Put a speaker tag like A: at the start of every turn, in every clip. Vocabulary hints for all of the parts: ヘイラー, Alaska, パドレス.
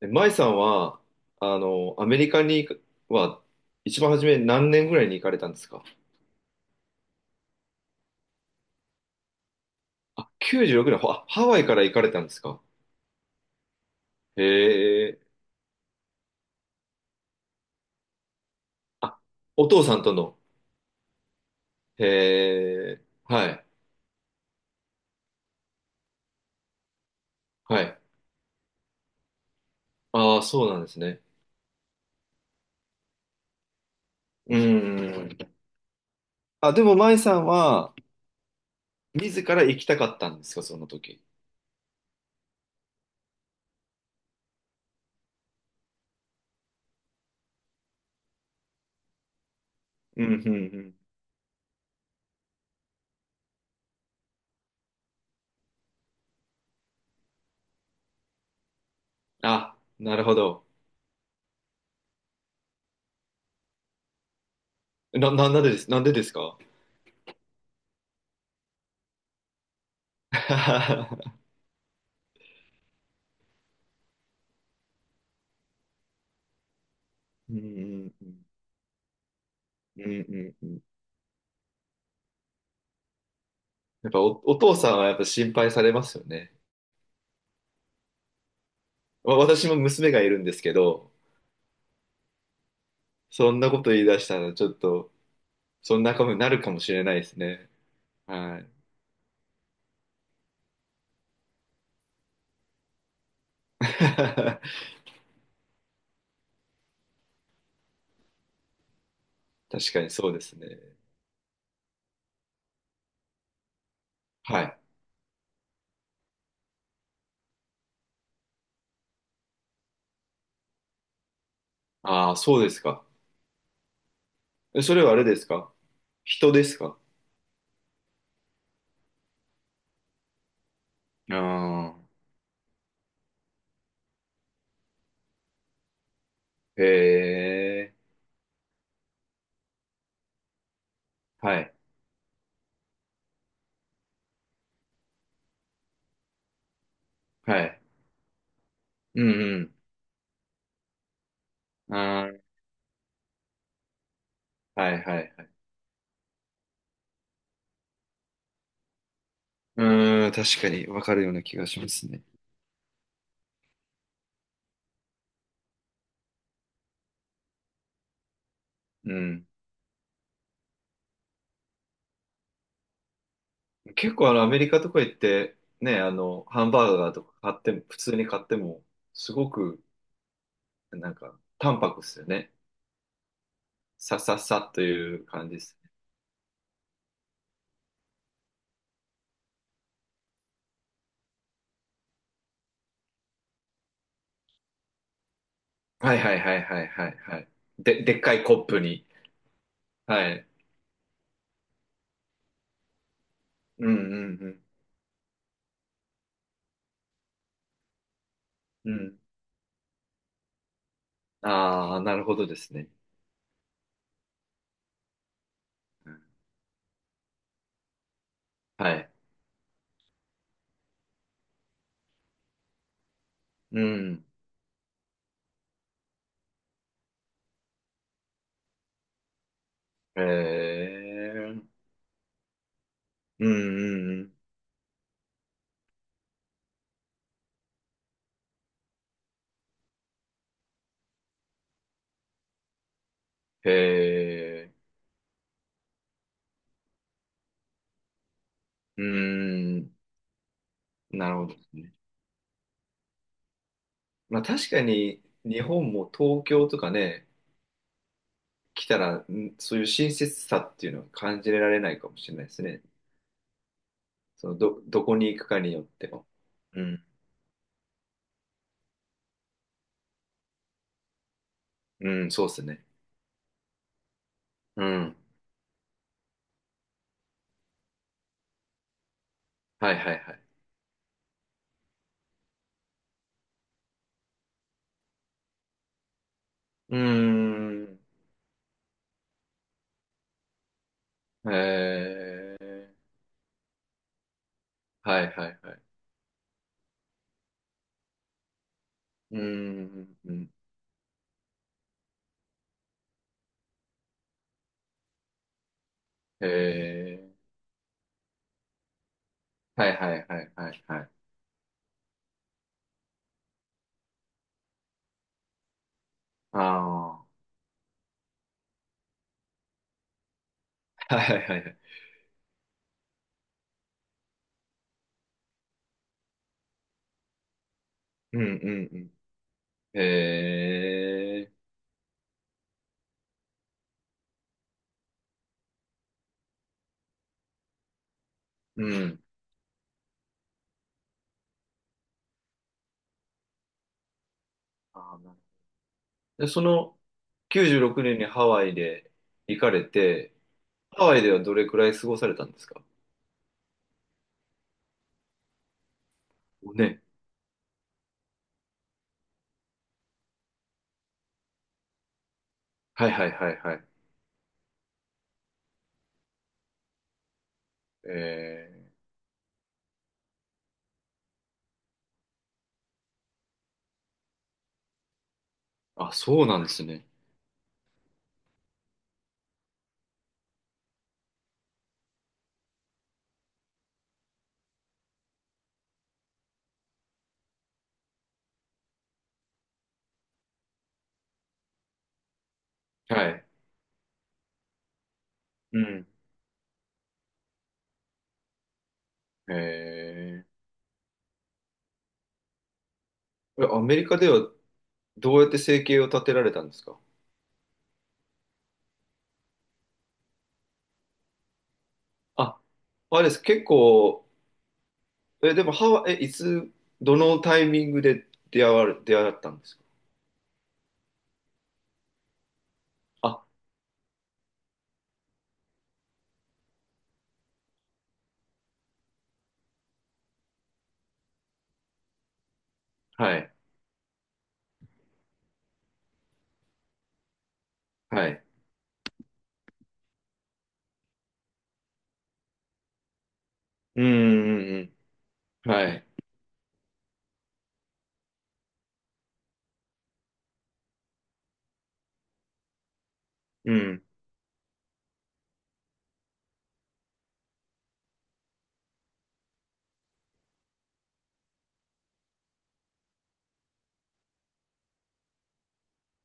A: 舞さんは、アメリカには、一番初め何年ぐらいに行かれたんですか？あ、96年、ハワイから行かれたんですか？へえ、あ、お父さんとの。へえ、はい、はい。ああ、そうなんですね。うん。あ、でも舞さんは、自ら行きたかったんですか、その時。うん、うん、うん。あ、なるほど。なんでですか？ うん、うん、うん、うん、うん。うん。やっぱお父さんはやっぱ心配されますよね。まあ、私も娘がいるんですけど、そんなこと言い出したらちょっと、そんなことになるかもしれないですね。はい。確かにそうですね。はい。ああ、そうですか。それはあれですか？人ですか？ああ、へえ。はい。はい。うんうん。ああ、はいはいはい。うーん、確かにわかるような気がしますね。うん。結構アメリカとか行ってね、ハンバーガーとか買っても、普通に買っても、すごくなんか淡白っすよね。さささという感じです。はいはいはいはいはいはい。で、でっかいコップに。はい。うんうんうん。うん。ああ、なるほどですね。うん。はい。うん。へえ。うんうんうん。へえ。うん。なるほどですね。まあ確かに日本も東京とかね、来たら、そういう親切さっていうのは感じられないかもしれないですね。そのどこに行くかによっても。うん、うん、そうですね。うん、はいはいはい。うーん、えー、はいはいはい。うーん、うん、えはいはいはいはいはい。ああ、はいはいはいはい。うんうんうん。えー、うん。あー、なるほど。で、その96年にハワイで行かれて、ハワイではどれくらい過ごされたんですか？五年。はいはいはいはい。えあ、そうなんですね。はい。うん。えアメリカではどうやって生計を立てられたんですか？あ、あれです。結構、でもハワイ、いつ、どのタイミングで出会ったんですか？あ、はい。はい。うんうんうんうん。はい。うん。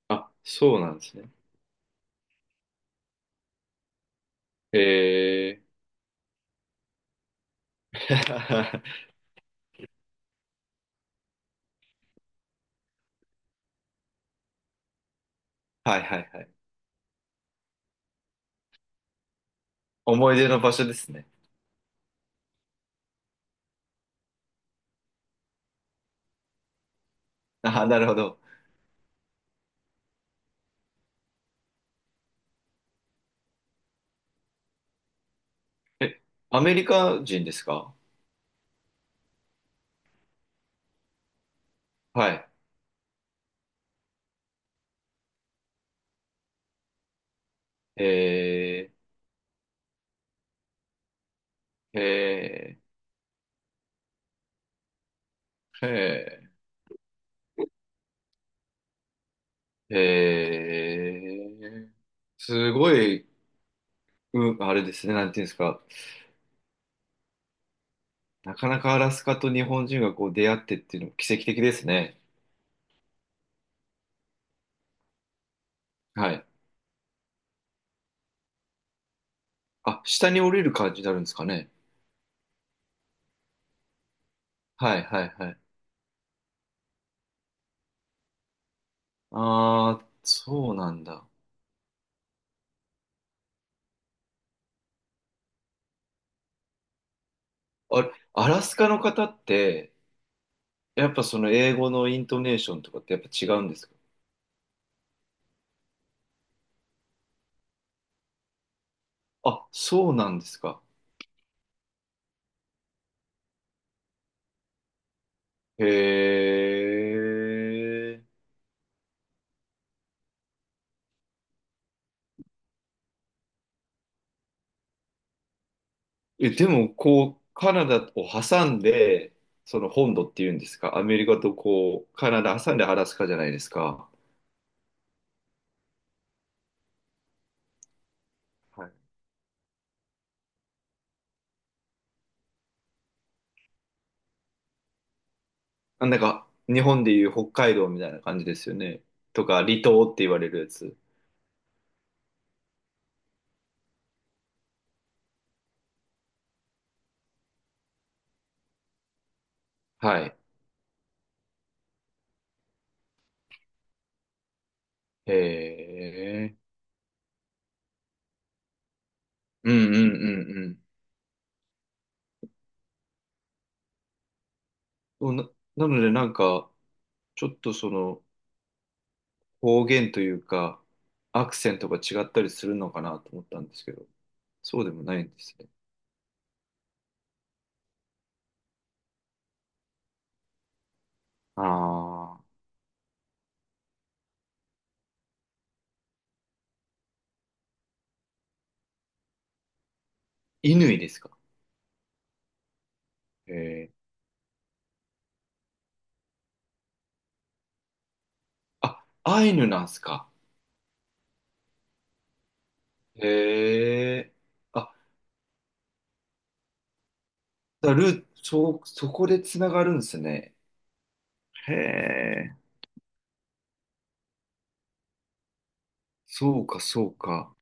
A: あ、そうなんですね。えー、はいはいはい。思い出の場所ですね。あ、なるほど。え、アメリカ人ですか？はい。えー、えー、えー、えー、すごい、うん、あれですね、なんていうんですか。なかなかアラスカと日本人がこう出会ってっていうのも奇跡的ですね。はい。あ、下に降りる感じになるんですかね。はい、はい、はい。ああ、そうなんだ。あれ、アラスカの方って、やっぱその英語のイントネーションとかってやっぱ違うんですか？あ、そうなんですか。へえ。え、でも、こう、カナダを挟んで、その本土っていうんですか、アメリカとこう、カナダ挟んでアラスカじゃないですか。はい。あ、なんか、日本でいう北海道みたいな感じですよね。とか、離島って言われるやつ。はい。へえ。うんうんうんうん。そうな、なので、なんか、ちょっとその、方言というか、アクセントが違ったりするのかなと思ったんですけど、そうでもないんですね。ああ、犬ですか。へえ。あ、アイヌなんすか。へえ。あ、だルー、そう、そこでつながるんすね。へえ。そうか、そうか。